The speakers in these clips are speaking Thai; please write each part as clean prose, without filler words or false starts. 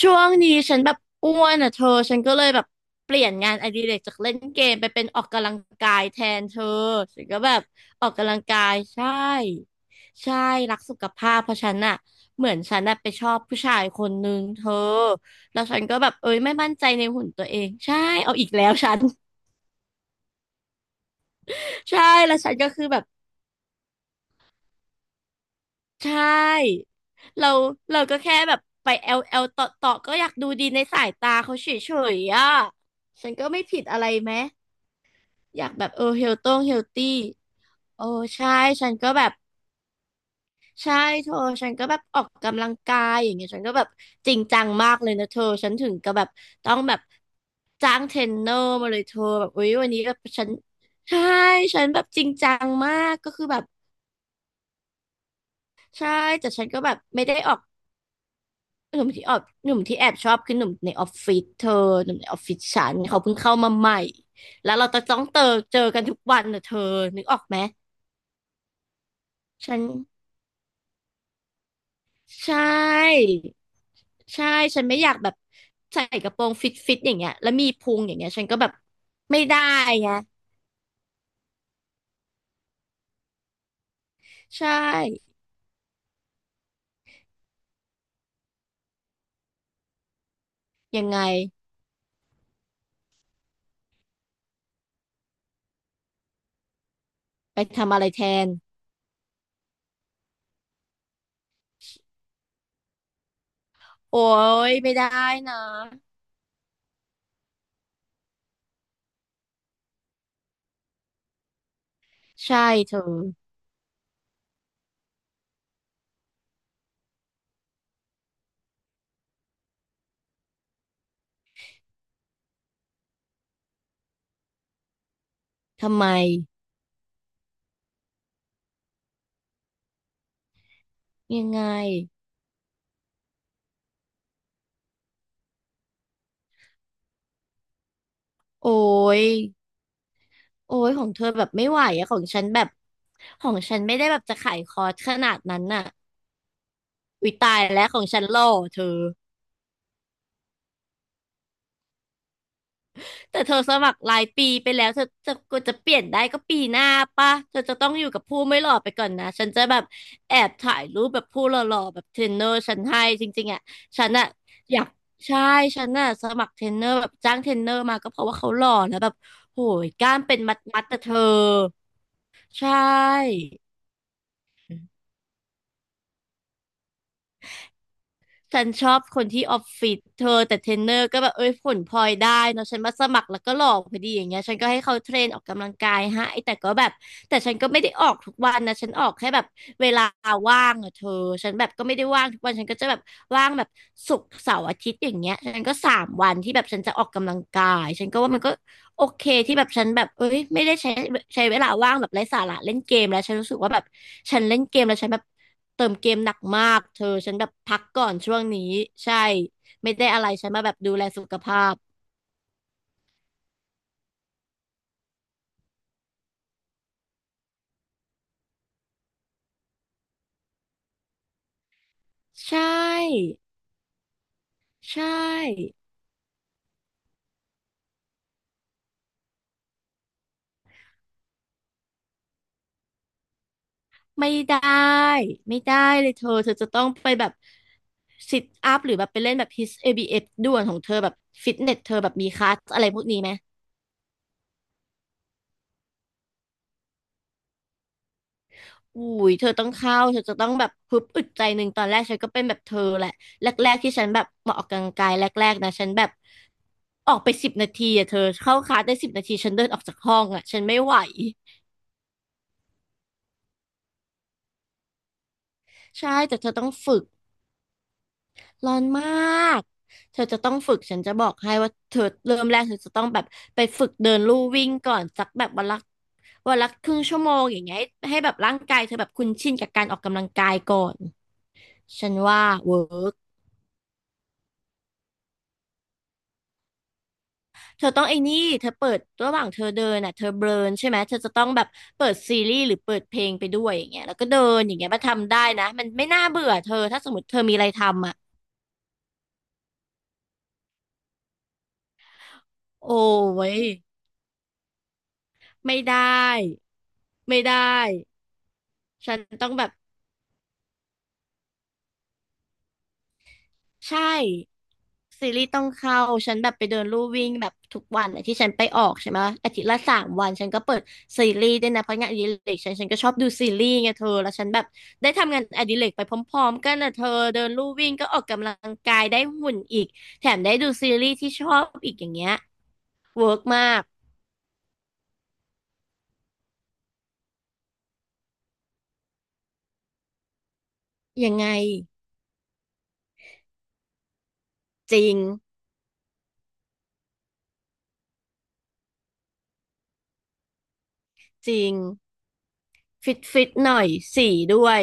ช่วงนี้ฉันแบบอ้วนอ่ะเธอฉันก็เลยแบบเปลี่ยนงานอดิเรกจากเล่นเกมไปเป็นออกกำลังกายแทนเธอฉันก็แบบออกกำลังกายใช่ใช่รักสุขภาพเพราะฉันอ่ะเหมือนฉันน่ะไปชอบผู้ชายคนนึงเธอแล้วฉันก็แบบเอ้ยไม่มั่นใจในหุ่นตัวเองใช่เอาอีกแล้วฉันใช่แล้วฉันก็คือแบบใช่เราเราก็แค่แบบไปเอลเอลต่อต่อก็อยากดูดีในสายตาเขาเฉยๆอ่ะฉันก็ไม่ผิดอะไรไหม อยากแบบเออเฮลต้งเฮลตี้โอ้ใช่ฉันก็แบบใช่เธอฉันก็แบบออกกำลังกายอย่างเงี้ยฉันก็แบบจริงจังมากเลยนะเธอฉันถึงก็แบบต้องแบบจ้างเทรนเนอร์มาเลยเธอแบบอุ๊ยวันนี้แบบฉันใช่ฉันแบบจริงจังมากก็คือแบบใช่แต่ฉันก็แบบไม่ได้ออกหนุ่มที่แอบชอบคือหนุ่มในออฟฟิศเธอหนุ่มในออฟฟิศฉันเขาเพิ่งเข้ามาใหม่แล้วเราจะต้องเจอเจอกันทุกวันนะเธอนึกออกไหมฉัน ใช่ใช่ฉันไม่อยากแบบใส่กระโปรงฟิตฟิตอย่างเงี้ยแล้วมีพุงอย่างเงี้ยฉันก็แบบไม่ได้ไงใช่ยังไงไปทำอะไรแทนโอ้ยไม่ได้นะใช่เธอทำไมยังไงโอ้ยโอ้ยของเธอแบบไม่ไหวอะของฉันแบบของฉันไม่ได้แบบจะขายคอร์สขนาดนั้นน่ะอุ้ยตายแล้วของฉันหล่อเธอ แต่เธอสมัครรายปีไปแล้วเธอจะกว่าจะเปลี่ยนได้ก็ปีหน้าป่ะเธอจะต้องอยู่กับผู้ไม่หล่อไปก่อนนะฉันจะแบบแอบถ่ายรูปแบบผู้หล่อๆแบบเทรนเนอร์ฉันให้จริงๆอ่ะฉันอ่ะอยากใช่ฉันอ่ะสมัครเทรนเนอร์แบบจ้างเทรนเนอร์มาก็เพราะว่าเขาหล่อแล้วแบบโหยกล้ามเป็นมัดๆแต่เธอใช่ ฉันชอบคนที่ออฟฟิศเธอแต่เทรนเนอร์ก็แบบเอ้ยผลพลอยได้เนาะฉันมาสมัครแล้วก็หลอกพอดีอย่างเงี้ยฉันก็ให้เขาเทรนออกกำลังกายให้แต่ก็แบบแต่ฉันก็ไม่ได้ออกทุกวันนะฉันออกแค่แบบเวลาว่างอะเธอฉันแบบก็ไม่ได้ว่างทุกวันฉันก็จะแบบว่างแบบศุกร์เสาร์อาทิตย์อย่างเงี้ยฉันก็สามวันที่แบบฉันจะออกกำลังกายฉันก็ว่ามันก็ โอเคที่แบบฉันแบบเอ้ยไม่ได้ใช้เวลาว่างแบบไร้สาระเล่นเกมแล้วฉันรู้สึกว่าแบบฉันเล่นเกมแล้วฉันแบบเติมเกมหนักมากเธอฉันแบบพักก่อนช่วงนี้ใช่ไม่ได้อะไรฉันมาแบบดูแลสุขภาพใช่ใช่ไม่ได้ไม่ได้เลยเธอจะต้องไปแบบซิทอัพหรือแบบไปเล่นแบบ HIIT เ b ฟด่วนของเธอแบบฟิตเนสเธอแบบมีคลาสอะไรพวกนี้ไหม อุ้ยเธอต้องเข้าเธอจะต้องแบบพึบอึดใจหนึ่งตอนแรกฉันก็เป็นแบบเธอแหละแรกๆที่ฉันแบบมาออกกำลังกายแรกๆนะฉันแบบออกไปสิบนาทีอะเธอเข้าคลาสได้สิบนาทีฉันเดินออกจากห้องอะฉันไม่ไหวใช่แต่เธอต้องฝึกร้อนมากเธอจะต้องฝึกฉันจะบอกให้ว่าเธอเริ่มแรกเธอจะต้องแบบไปฝึกเดินลู่วิ่งก่อนสักแบบวันละครึ่งชั่วโมงอย่างเงี้ยให้ให้แบบร่างกายเธอแบบคุ้นชินกับการออกกำลังกายก่อนฉันว่าเวิร์ก เธอต้องไอ้นี่เธอเปิดระหว่างเธอเดินน่ะเธอเบิร์นใช่ไหม เธอจะต้องแบบเปิดซีรีส์หรือเปิดเพลงไปด้วยอย่างเงี้ยแล้วก็เดินอย่างเงี้ยมาทำได้นะมันไม่น่าเบื่อเธอถ้าสมมติเธอมีอะไรทำอ่ะโอ้ยไม่ได้ไม่ได้ฉันต้องแบบใช่ ซีรีส์ต้องเข้าฉันแบบไปเดินลู่วิ่งแบบทุกวันอะที่ฉันไปออกใช่ไหมอาทิตย์ละสามวันฉันก็เปิดซีรีส์ด้วยนะเพราะงานอดิเรกฉันฉันก็ชอบดูซีรีส์ไงเธอแล้วฉันแบบได้ทำงานอดิเรกไปพร้อมๆกันนะเธอเดินลู่วิ่งก็ออกกำลังกายได้หุ่นอีกแถมได้ดูซีรีส์ที่ชอบอีกอย่างเงี้ยเวิร์กมากยังไงจริงจริงฟิตฟิตหน่อยสีด้วย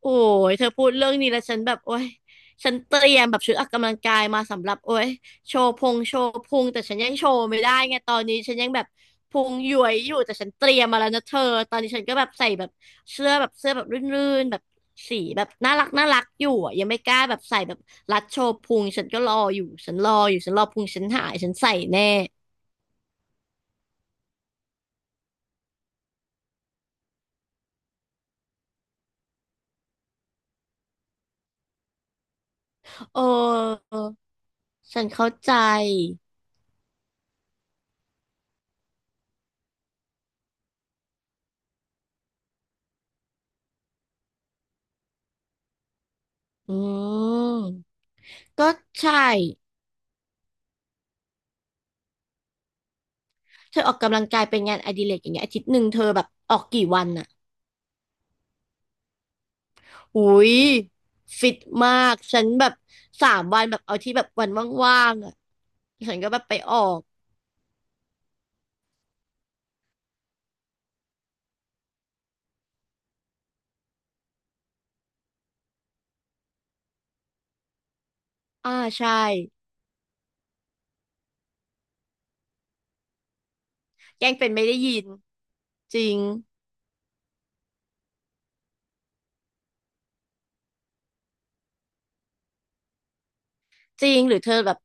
โอ้ยเธอพูดเรื่องนี้แล้วฉันแบบโอ้ยฉันเตรียมแบบชุดออกกำลังกายมาสำหรับโอ้ยโชว์พุงโชว์พุงแต่ฉันยังโชว์ไม่ได้ไงตอนนี้ฉันยังแบบพุงหย้วยอยู่แต่ฉันเตรียมมาแล้วนะเธอตอนนี้ฉันก็แบบใส่แบบเสื้อแบบรื่นๆแบบสีแบบน่ารักน่ารักอยู่อะยังไม่กล้าแบบใส่แบบรัดโชว์พุงฉันก็รออยู่ฉันรออยู่ฉันรอพุงฉันหายฉันใส่แน่เออฉันเข้าใจอืมก็ใช่ เธอออกกำลังกายเป็นงานอดิเรกอย่างเงี้ยอาทิตย์หนึ่งเธอแบบออกกี่วันอะหุยฟิตมากฉันแบบสามวันแบบเอาที่แบบวันว่างๆอะฉันก็แบบไปออกอ่าใช่แกล้งเป็นไม่ได้ยินจริงจริงหรือเธอแบบ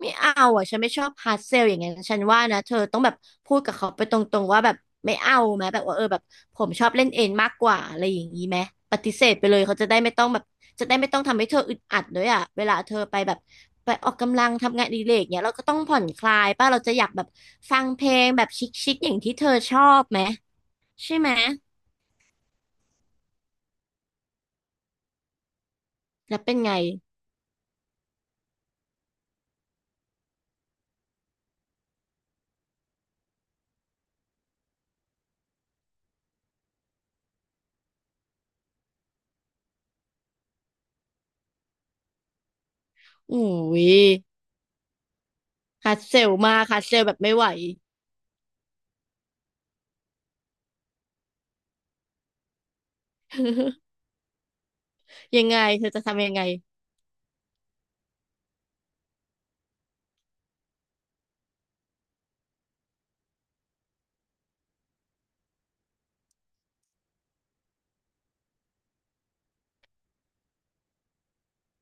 ไม่เอาอ่ะฉันไม่ชอบฮาร์ดเซลอย่างเงี้ยฉันว่านะเธอต้องแบบพูดกับเขาไปตรงๆว่าแบบไม่เอาไหมแบบว่าเออแบบผมชอบเล่นเองมากกว่าอะไรอย่างนี้ไหมปฏิเสธไปเลยเขาจะได้ไม่ต้องแบบจะได้ไม่ต้องทำให้เธออึดอัดด้วยอ่ะเวลาเธอไปแบบไปออกกำลังทำงานอดิเรกเนี้ยเราก็ต้องผ่อนคลายป่ะเราจะอยากแบบฟังเพลงแบบชิคๆอย่างที่เธอชอบไหมใช่ไหมแล้วเป็นไงอุ้ยฮาร์ดเซลมากฮาร์ดเซลแบบไม่ไหวยังไงเธอจะทำยังไง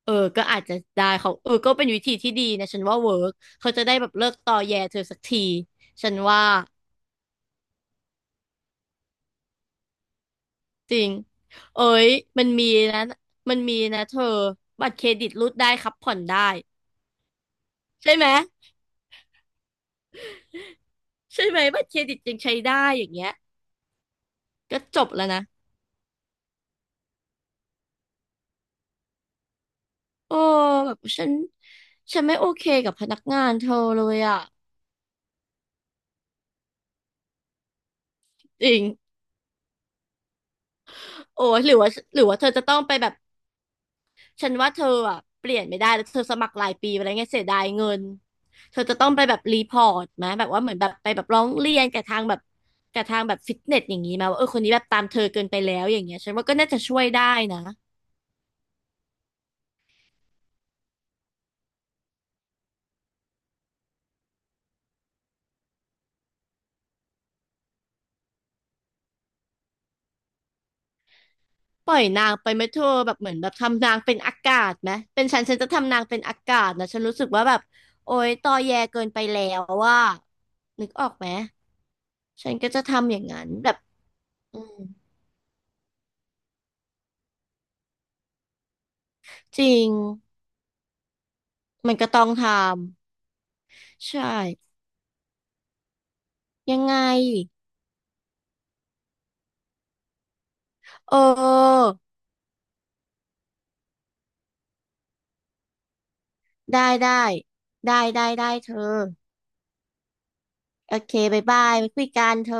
เออก็อาจจะได้เขาเออก็เป็นวิธีที่ดีนะฉันว่าเวิร์กเขาจะได้แบบเลิกตอแยเธอสักทีฉันว่าจริงเอ้ยมันมีนะมันมีนะเธอบัตรเครดิตรูดได้ครับผ่อนได้ใช่ไหมใช่ไหมบัตรเครดิตยังใช้ได้อย่างเงี้ยก็จบแล้วนะโอ้แบบฉันฉันไม่โอเคกับพนักงานเธอเลยอ่ะจริงโอ้ยหรือว่าเธอจะต้องไปแบบ ฉันว่าเธออ่ะเปลี่ยนไม่ได้แล้วเธอสมัครรายปีไปแล้วไงเสียดายเงินเธอจะต้องไปแบบรีพอร์ตไหมแบบว่าเหมือนแบบไปแบบร้องเรียนกับทางแบบกับทางแบบฟิตเนสอย่างนี้ไหมาว่าเออคนนี้แบบตามเธอเกินไปแล้วอย่างเงี้ยฉันว่าก็น่าจะช่วยได้นะปล่อยนางไปไหมเธอแบบเหมือนแบบทำนางเป็นอากาศไหมเป็นฉันจะทำนางเป็นอากาศนะฉันรู้สึกว่าแบบโอ๊ยตอแยเกินไปแล้วว่านึกออกไหมฉันก็จะทำอย่างนั้นแบบอืมจริงมันก็ต้องทำใช่ ยังไงเออได้ได้ได้ได้ได้เธอโอเคบายบายไปคุยกันเธอ